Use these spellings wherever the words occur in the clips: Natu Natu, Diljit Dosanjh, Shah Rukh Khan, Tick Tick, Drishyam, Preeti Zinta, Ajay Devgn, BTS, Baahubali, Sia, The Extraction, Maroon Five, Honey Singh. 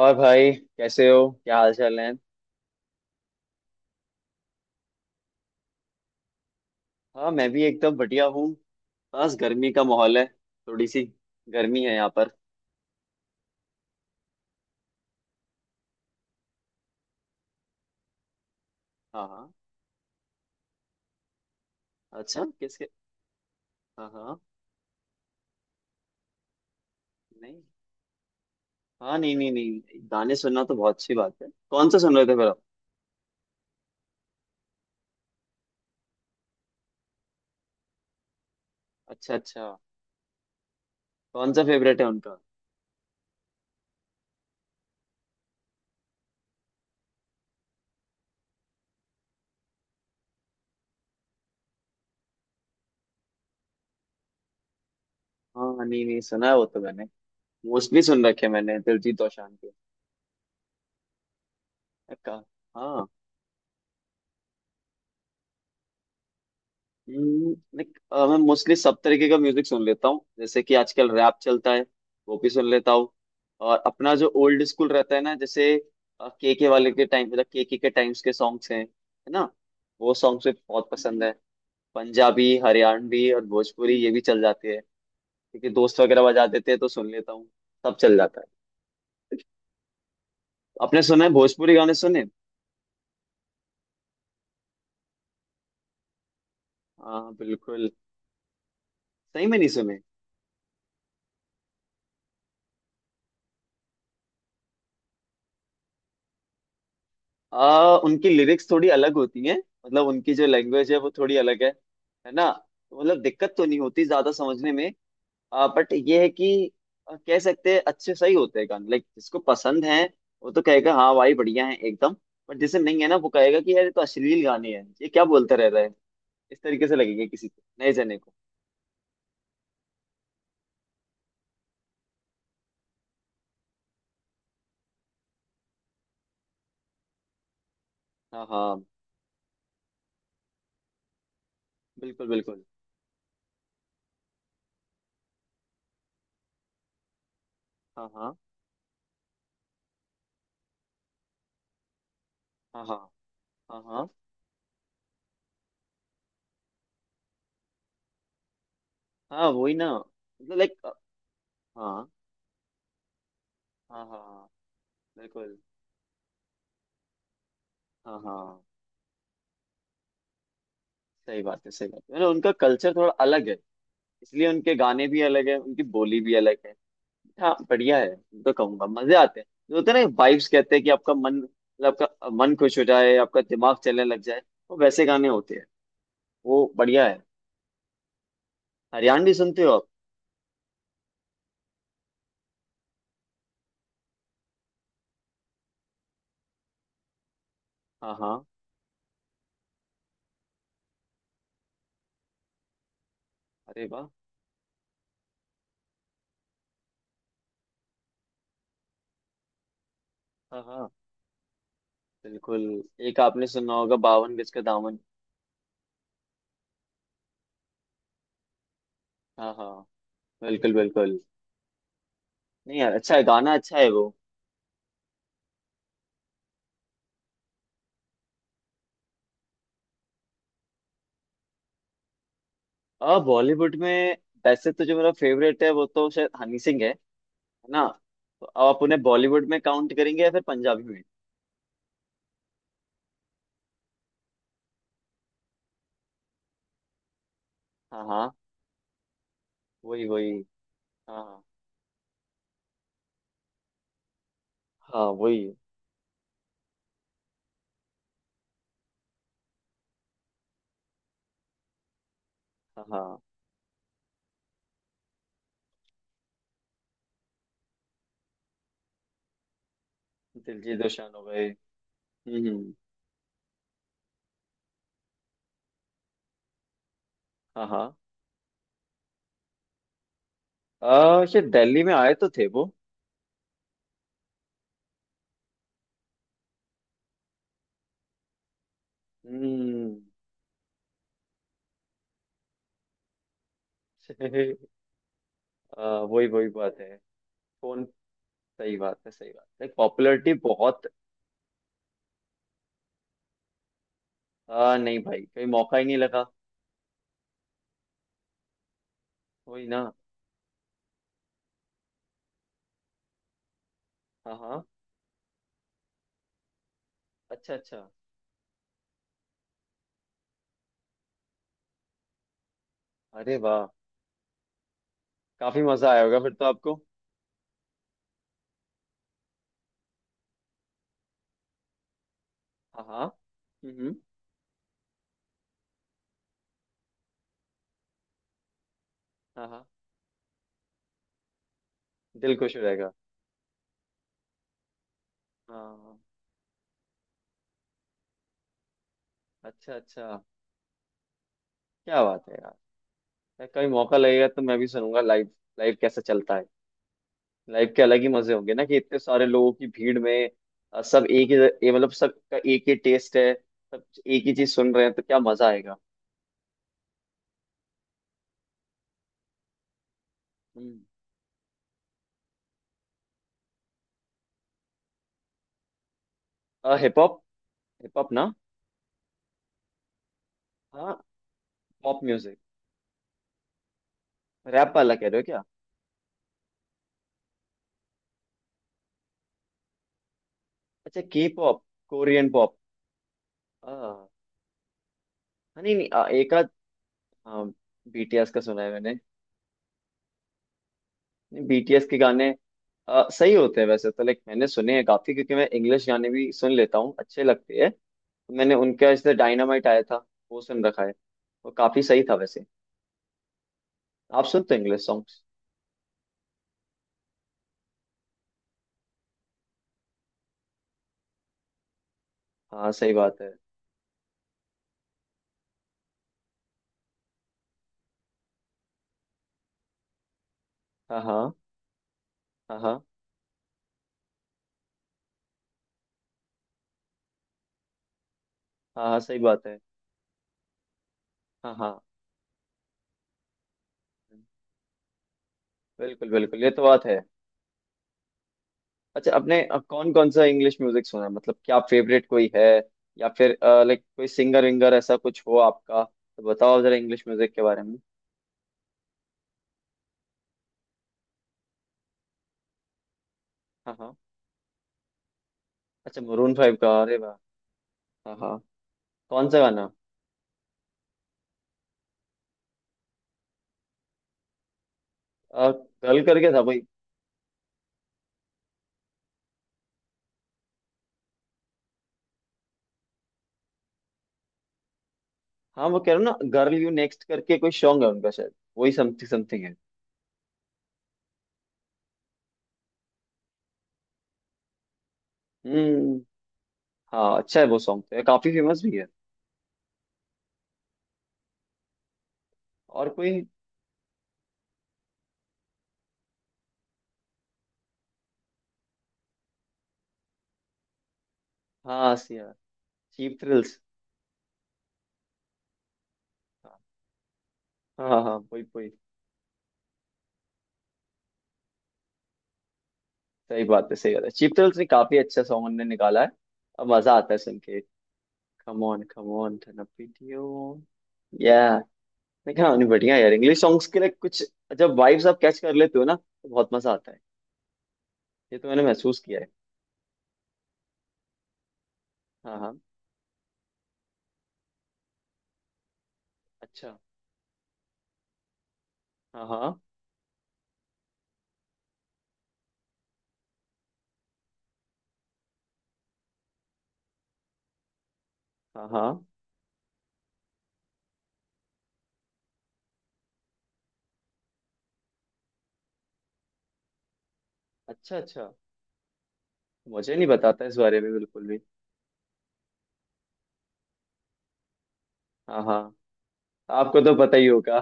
और भाई, कैसे हो? क्या हाल चाल है? हाँ, मैं भी एकदम बढ़िया हूँ। बस गर्मी का माहौल है। थोड़ी सी गर्मी है यहाँ पर। हाँ हाँ। अच्छा, किसके? हाँ हाँ। नहीं। हाँ, नहीं नहीं नहीं, गाने सुनना तो बहुत अच्छी बात है। कौन सा सुन रहे थे फिर आप? अच्छा अच्छा। कौन सा फेवरेट है उनका? हाँ, नहीं नहीं, सुना है वो तो मैंने। मोस्टली सुन रखे हैं मैंने दिलजीत दोसांझ के। का। हाँ। लाइक, मैं मोस्टली सब तरीके का म्यूजिक सुन लेता हूँ, जैसे कि आजकल रैप चलता है, वो भी सुन लेता हूँ। और अपना जो ओल्ड स्कूल रहता है ना, जैसे के वाले के टाइम, मतलब के टाइम्स के सॉन्ग्स हैं, है ना। वो सॉन्ग्स भी बहुत पसंद है। पंजाबी, हरियाणवी और भोजपुरी ये भी चल जाती है, क्योंकि दोस्त वगैरह बजा देते हैं तो सुन लेता हूँ। सब चल जाता है। आपने सुना है भोजपुरी गाने? सुने? हाँ बिल्कुल। सही में नहीं सुने? उनकी लिरिक्स थोड़ी अलग होती हैं। मतलब उनकी जो लैंग्वेज है वो थोड़ी अलग है ना। तो मतलब दिक्कत तो नहीं होती ज्यादा समझने में। बट ये है कि कह सकते हैं अच्छे सही होते हैं गाने। लाइक जिसको पसंद है वो तो कहेगा हाँ भाई बढ़िया है एकदम। बट जिसे नहीं है ना वो कहेगा कि यार ये तो अश्लील गाने हैं, ये क्या बोलता रह रहा है। इस तरीके से लगेगा किसी को, नए जने को। हाँ हाँ। बिल्कुल बिल्कुल। हाँ हाँ हाँ। हाँ हाँ हाँ। हाँ वही ना, मतलब लाइक, हाँ। हाँ हाँ हाँ। बिल्कुल। हाँ हाँ। सही बात है सही बात है। मतलब उनका कल्चर थोड़ा अलग है, इसलिए उनके गाने भी अलग है, उनकी बोली भी अलग है। हाँ बढ़िया है। मैं तो कहूंगा मजे आते हैं जो होते हैं ना वाइब्स कहते हैं कि आपका मन, मतलब आपका मन खुश हो जाए, आपका दिमाग चलने लग जाए। वो वैसे गाने होते हैं। वो बढ़िया है। हरियाणवी सुनते हो आप? हाँ हाँ। अरे वाह। हाँ हाँ। बिल्कुल। एक आपने सुना होगा, बावन गज का दामन। हाँ हाँ। बिल्कुल बिल्कुल। नहीं यार, अच्छा है गाना, अच्छा है वो। अब बॉलीवुड में वैसे तो जो मेरा फेवरेट है वो तो शायद हनी सिंह है ना। तो अब आप उन्हें बॉलीवुड में काउंट करेंगे या फिर पंजाबी में? हाँ हाँ। वही वही। हाँ हाँ हाँ। वही। हाँ हाँ। दिलजीत दोसांझ हो गए। हम्म। हाँ हाँ। शायद दिल्ली में आए तो थे वो। हम्म। वही वही बात है। कौन? सही बात है सही बात है। पॉपुलैरिटी बहुत। नहीं भाई, कहीं मौका ही नहीं लगा। वही ना। हाँ हाँ। अच्छा अच्छा। अरे वाह। काफी मजा आया होगा फिर तो आपको। हाँ हाँ। हम्म। हाँ हाँ। दिल खुश हो जाएगा। हाँ। अच्छा अच्छा। क्या बात है यार। कभी मौका लगेगा तो मैं भी सुनूंगा लाइव। लाइव कैसा चलता है? लाइव के अलग ही मजे होंगे ना, कि इतने सारे लोगों की भीड़ में सब एक ही, ये मतलब सबका एक ही टेस्ट है, सब एक ही चीज सुन रहे हैं तो क्या मजा आएगा। हम्म। Hip hop? हिप हॉप ना? हाँ, पॉप म्यूजिक? रैप वाला कह रहे हो क्या? अच्छा के पॉप। Korean pop. हाँ। नहीं नहीं, एक आध बीटीएस का सुना है मैंने। बीटीएस के गाने सही होते हैं वैसे तो। लाइक मैंने सुने हैं काफी, क्योंकि मैं इंग्लिश गाने भी सुन लेता हूँ, अच्छे लगते हैं। तो मैंने उनका जैसे डायनामाइट आया था, वो सुन रखा है। वो काफी सही था वैसे। आप सुनते हो इंग्लिश सॉन्ग्स? हाँ सही बात है। हाँ हाँ। हाँ हाँ। हाँ हाँ, सही बात है। हाँ हाँ। बिल्कुल बिल्कुल, ये तो बात है। अच्छा आपने कौन कौन सा इंग्लिश म्यूजिक सुना है? मतलब क्या फेवरेट कोई है या फिर, लाइक कोई सिंगर विंगर ऐसा कुछ हो आपका तो बताओ जरा इंग्लिश म्यूजिक के बारे में। हाँ हाँ। अच्छा, मरून फाइव का। अरे वाह। हाँ हाँ। कौन सा गाना? गर्ल करके था भाई? हाँ, वो कह रहा हूँ ना, गर्ल यू नेक्स्ट करके कोई सॉन्ग है उनका शायद, वही समथिंग समथिंग है। हम्म। हाँ अच्छा है वो सॉन्ग तो, ये काफी फेमस भी है। और कोई? हाँ सिया, चीप थ्रिल्स। हाँ हाँ हाँ, वही वही। सही बात है सही बात है। चीप थ्रिल्स ने काफी अच्छा सॉन्ग उन्होंने निकाला है। अब मजा आता है सुन के। कम ऑन थन पीटियो या। देखा उन्हें बढ़िया यार, इंग्लिश सॉन्ग्स के लिए कुछ, जब वाइब्स आप कैच कर लेते हो ना तो बहुत मजा आता है। ये तो मैंने महसूस किया है। हाँ हाँ। अच्छा। हाँ हाँ हाँ हाँ। अच्छा अच्छा। मुझे नहीं बताता इस बारे में बिल्कुल भी। हाँ हाँ। आपको तो पता ही होगा।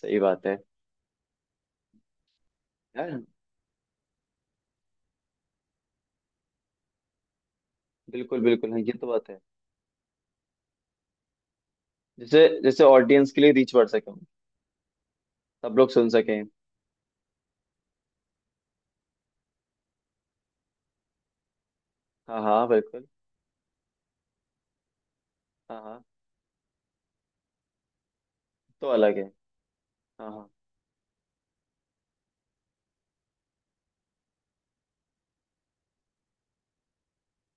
सही बात है। यार बिल्कुल बिल्कुल, हाँ ये तो बात है। जैसे जैसे ऑडियंस के लिए रीच बढ़ सके, सब लोग सुन सकें। हाँ हाँ। बिल्कुल। हाँ हाँ। तो अलग है। हाँ हाँ।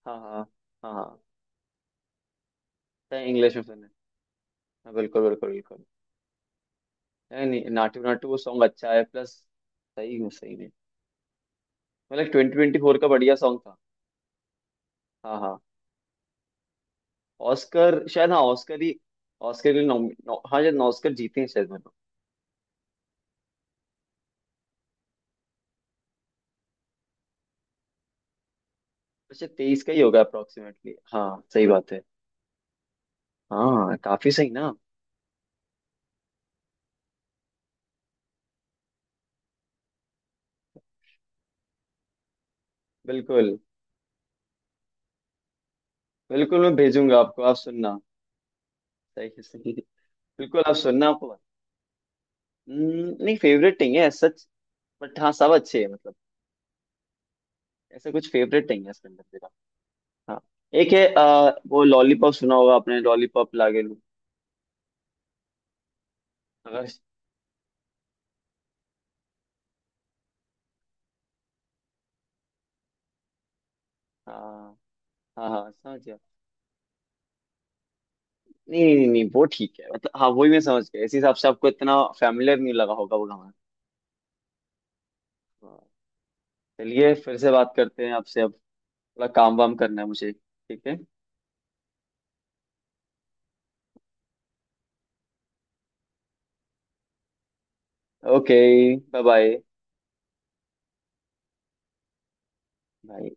हाँ हाँ। हाँ हाँ। चाहे इंग्लिश में सुने। हाँ बिल्कुल बिल्कुल बिल्कुल। नहीं नहीं, नाटू नाटू वो सॉन्ग अच्छा है प्लस। सही में सही में। मतलब 2024 का बढ़िया सॉन्ग था। हाँ हाँ। ऑस्कर शायद, हाँ ऑस्कर ही। ऑस्कर के लिए नॉम, नौ, हाँ शायद ऑस्कर जीते हैं शायद, मतलब। अच्छा 23 का ही होगा अप्रोक्सीमेटली, हाँ सही बात है। हाँ काफी सही ना। बिल्कुल बिल्कुल, मैं भेजूंगा आपको आप सुनना। सही है, सही है। बिल्कुल, आप सुनना आपको। नहीं फेवरेट नहीं है as such। बट हाँ सब अच्छे हैं मतलब। ऐसा कुछ फेवरेट नहीं है इसके अंदर मेरा। हाँ। एक है वो लॉलीपॉप सुना होगा आपने, लॉलीपॉप लागे लू। अगर। हाँ हाँ हाँ समझ गया। नहीं नहीं नहीं, वो ठीक है, मतलब हाँ वही मैं समझ गया, इस हिसाब से आपको इतना फैमिलियर नहीं लगा होगा वो गाना। हाँ। चलिए, फिर से बात करते हैं आपसे अब, थोड़ा काम वाम करना है मुझे, ठीक है? ओके। Bye bye. बाय।